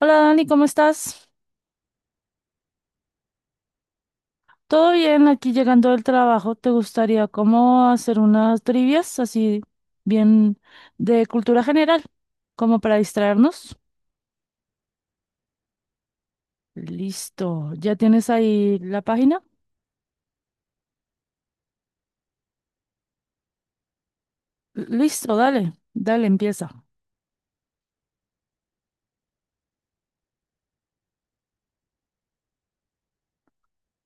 Hola Dani, ¿cómo estás? ¿Todo bien? Aquí llegando del trabajo, ¿te gustaría cómo hacer unas trivias así bien de cultura general, como para distraernos? Listo, ¿ya tienes ahí la página? Listo, dale, empieza.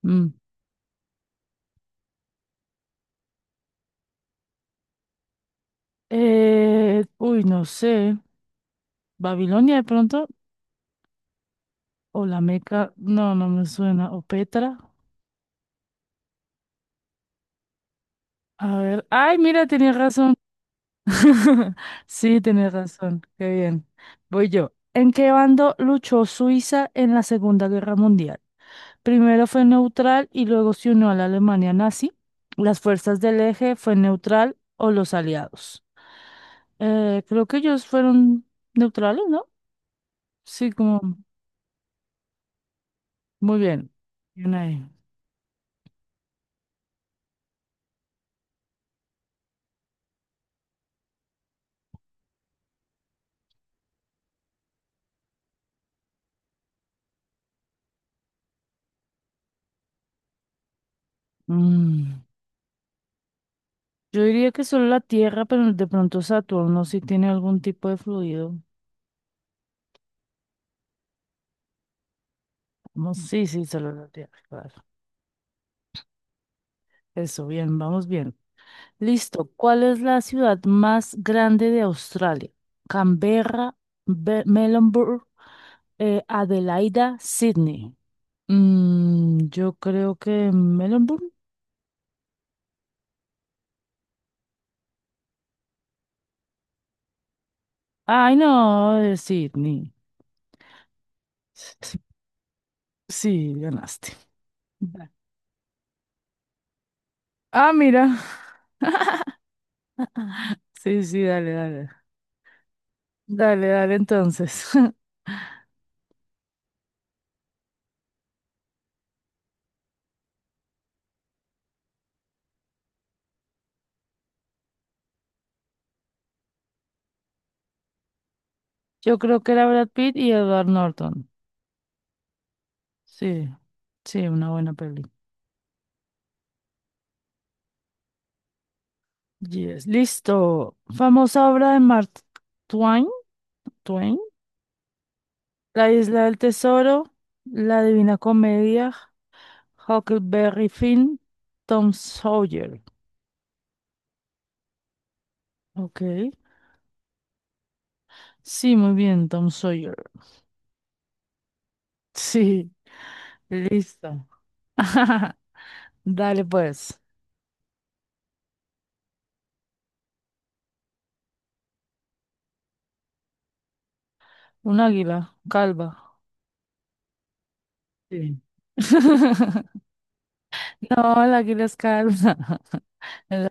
Mm. Uy, no sé, Babilonia de pronto, o la Meca, no, no me suena, o Petra. A ver, ay, mira, tenía razón. Sí, tienes razón. Qué bien. Voy yo. ¿En qué bando luchó Suiza en la Segunda Guerra Mundial? Primero fue neutral y luego se unió a la Alemania nazi. Las fuerzas del eje, fue neutral o los aliados. Creo que ellos fueron neutrales, ¿no? Sí, como muy bien. Bien ahí. Mm, Yo diría que solo la Tierra, pero de pronto Saturno sí tiene algún tipo de fluido. Vamos, sí, sí, solo la Tierra, claro. Eso, bien, vamos bien. Listo. ¿Cuál es la ciudad más grande de Australia? Canberra, Melbourne, Adelaida, Sydney. Mm, yo creo que Melbourne. Ay, no, es Sydney. Sí, ganaste. Va. Ah, mira. Sí, sí, dale. Dale, entonces. Yo creo que era Brad Pitt y Edward Norton. Sí, sí, una buena peli. Yes, listo. Famosa obra de Mark Twain. Twain, La Isla del Tesoro, La Divina Comedia, Huckleberry Finn, Tom Sawyer. Ok. Sí, muy bien, Tom Sawyer. Sí, listo. Dale pues. Un águila calva. Sí. No, el águila es calva. El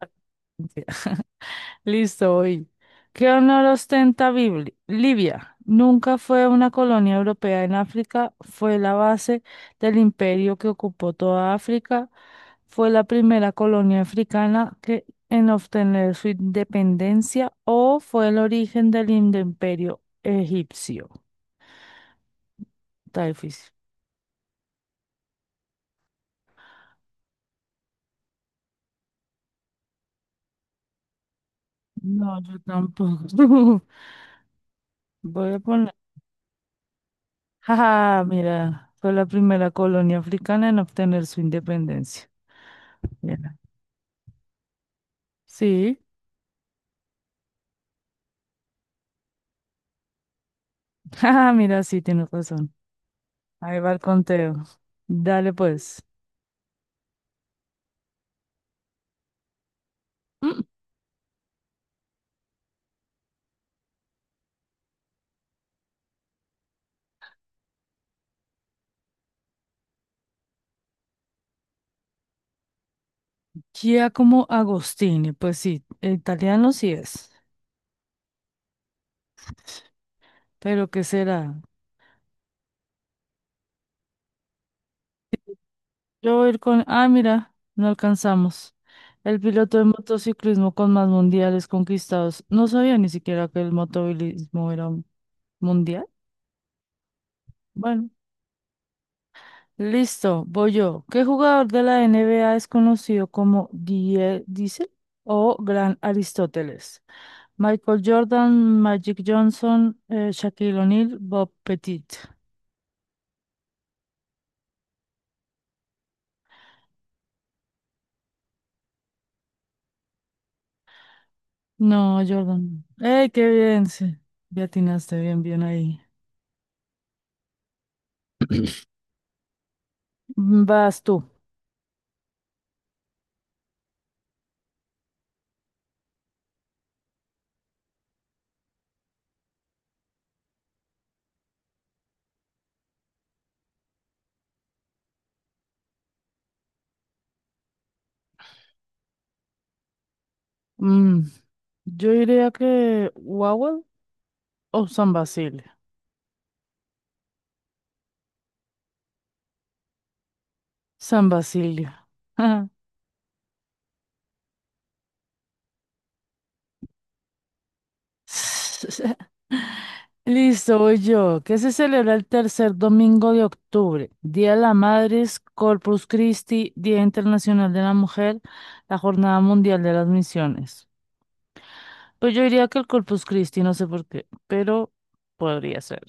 Listo, hoy. ¿Qué honor ostenta Libia? Nunca fue una colonia europea en África, fue la base del imperio que ocupó toda África, fue la primera colonia africana que, en obtener su independencia o fue el origen del imperio egipcio. Está difícil. No, yo tampoco. Voy a poner... Jaja, mira, fue la primera colonia africana en obtener su independencia. Mira. Sí. Ah, mira, sí, tienes razón. Ahí va el conteo. Dale, pues. Mm, Giacomo Agostini, pues sí, italiano sí es. Pero ¿qué será? Yo voy a ir con... Ah, mira, no alcanzamos. El piloto de motociclismo con más mundiales conquistados. No sabía ni siquiera que el motovilismo era un mundial. Bueno, listo, voy yo. ¿Qué jugador de la NBA es conocido como Die Diesel o Gran Aristóteles? Michael Jordan, Magic Johnson, Shaquille O'Neal, Bob Pettit. No, Jordan. ¡Ey, qué bien! Sí, ya atinaste, bien, bien ahí. Mm, vas tú. Mm, yo diría que Wawel o San Basilio. San Basilio. Listo, voy yo. ¿Qué se celebra el tercer domingo de octubre? Día de la Madre, Corpus Christi, Día Internacional de la Mujer, la Jornada Mundial de las Misiones. Pues yo diría que el Corpus Christi, no sé por qué, pero podría ser.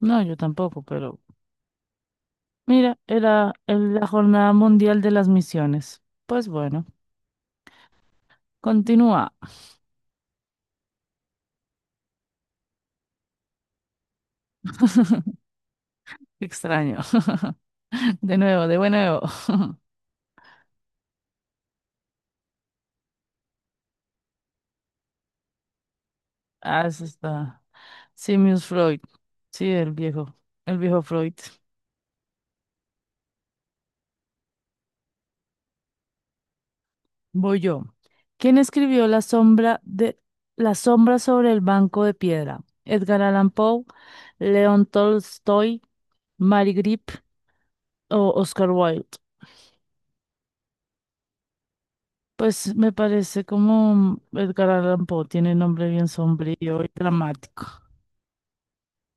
No, yo tampoco, pero mira, era la Jornada Mundial de las Misiones. Pues bueno, continúa. Qué extraño. De nuevo, de nuevo. Ah, eso está. Sigmund Freud. Sí, el viejo Freud. Voy yo. ¿Quién escribió La sombra sobre el banco de piedra? Edgar Allan Poe, León Tolstoy, Mary Grip o Oscar Wilde. Pues me parece como Edgar Allan Poe tiene nombre bien sombrío y dramático.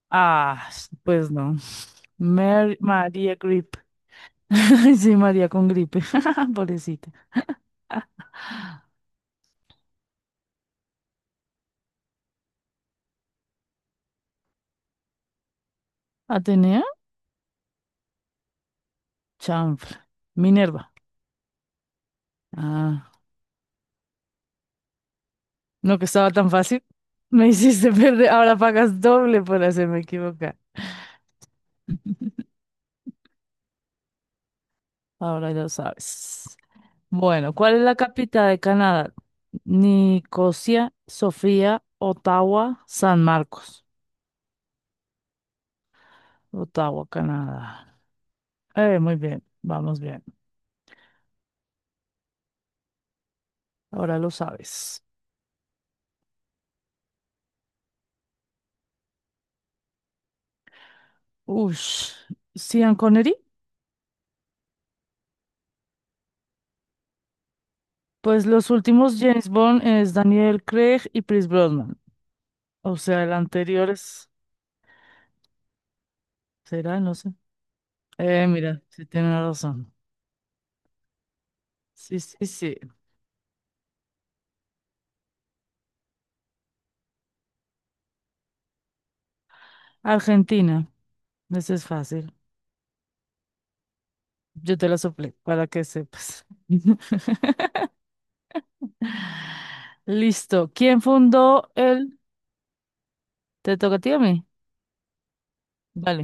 Ah, pues no. María Grip. Sí, María con gripe. Pobrecita. ¿Atenea? Chanfla. Minerva. Ah, no que estaba tan fácil. Me hiciste perder. Ahora pagas doble por hacerme equivocar. Ahora lo sabes. Bueno, ¿cuál es la capital de Canadá? Nicosia, Sofía, Ottawa, San Marcos. Ottawa, Canadá. Muy bien, vamos bien. Ahora lo sabes. Ush. Sean Connery. Pues los últimos James Bond es Daniel Craig y Pierce Brosnan. O sea, el anterior es... ¿Será? No sé. Mira, sí tiene razón. Sí, sí, sí. Argentina. Ese es fácil. Yo te la soplé para que sepas. Listo. ¿Quién fundó el... ¿Te toca a ti o a mí? Vale.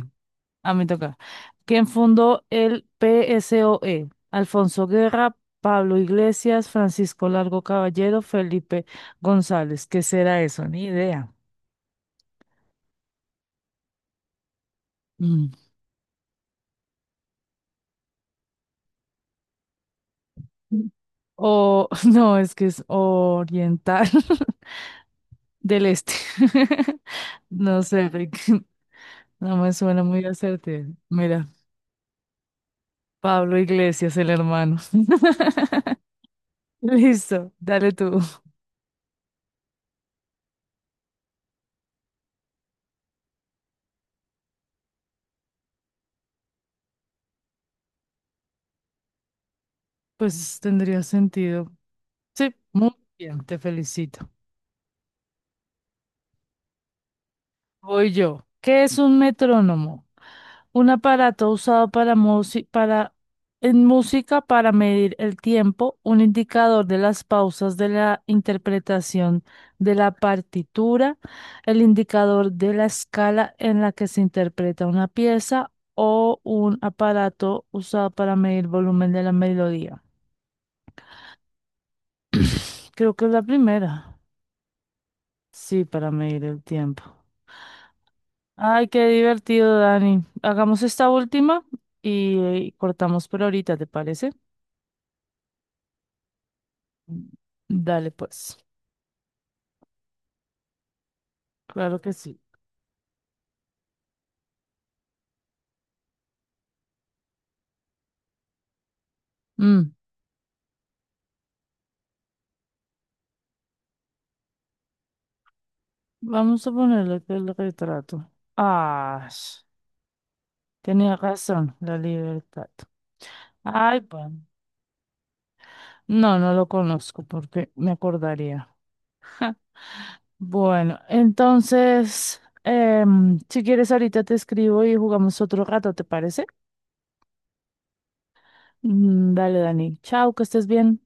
A mí toca. ¿Quién fundó el PSOE? Alfonso Guerra, Pablo Iglesias, Francisco Largo Caballero, Felipe González. ¿Qué será eso? Ni idea. Mm. O, no, es que es oriental del este. No sé, Rick. No me suena muy acertado. Mira, Pablo Iglesias, el hermano. Listo, dale tú. Pues tendría sentido. Sí, muy bien, te felicito. Voy yo. ¿Qué es un metrónomo? Un aparato usado para en música para medir el tiempo, un indicador de las pausas de la interpretación de la partitura, el indicador de la escala en la que se interpreta una pieza o un aparato usado para medir volumen de la melodía. Creo que es la primera. Sí, para medir el tiempo. Ay, qué divertido, Dani. Hagamos esta última y cortamos por ahorita, ¿te parece? Dale, pues. Claro que sí. Mm, vamos a ponerle acá el retrato. Ah, tenía razón, la libertad. Ay, bueno. No, no lo conozco porque me acordaría. Bueno, entonces, si quieres ahorita te escribo y jugamos otro rato, ¿te parece? Mm, dale, Dani. Chao, que estés bien.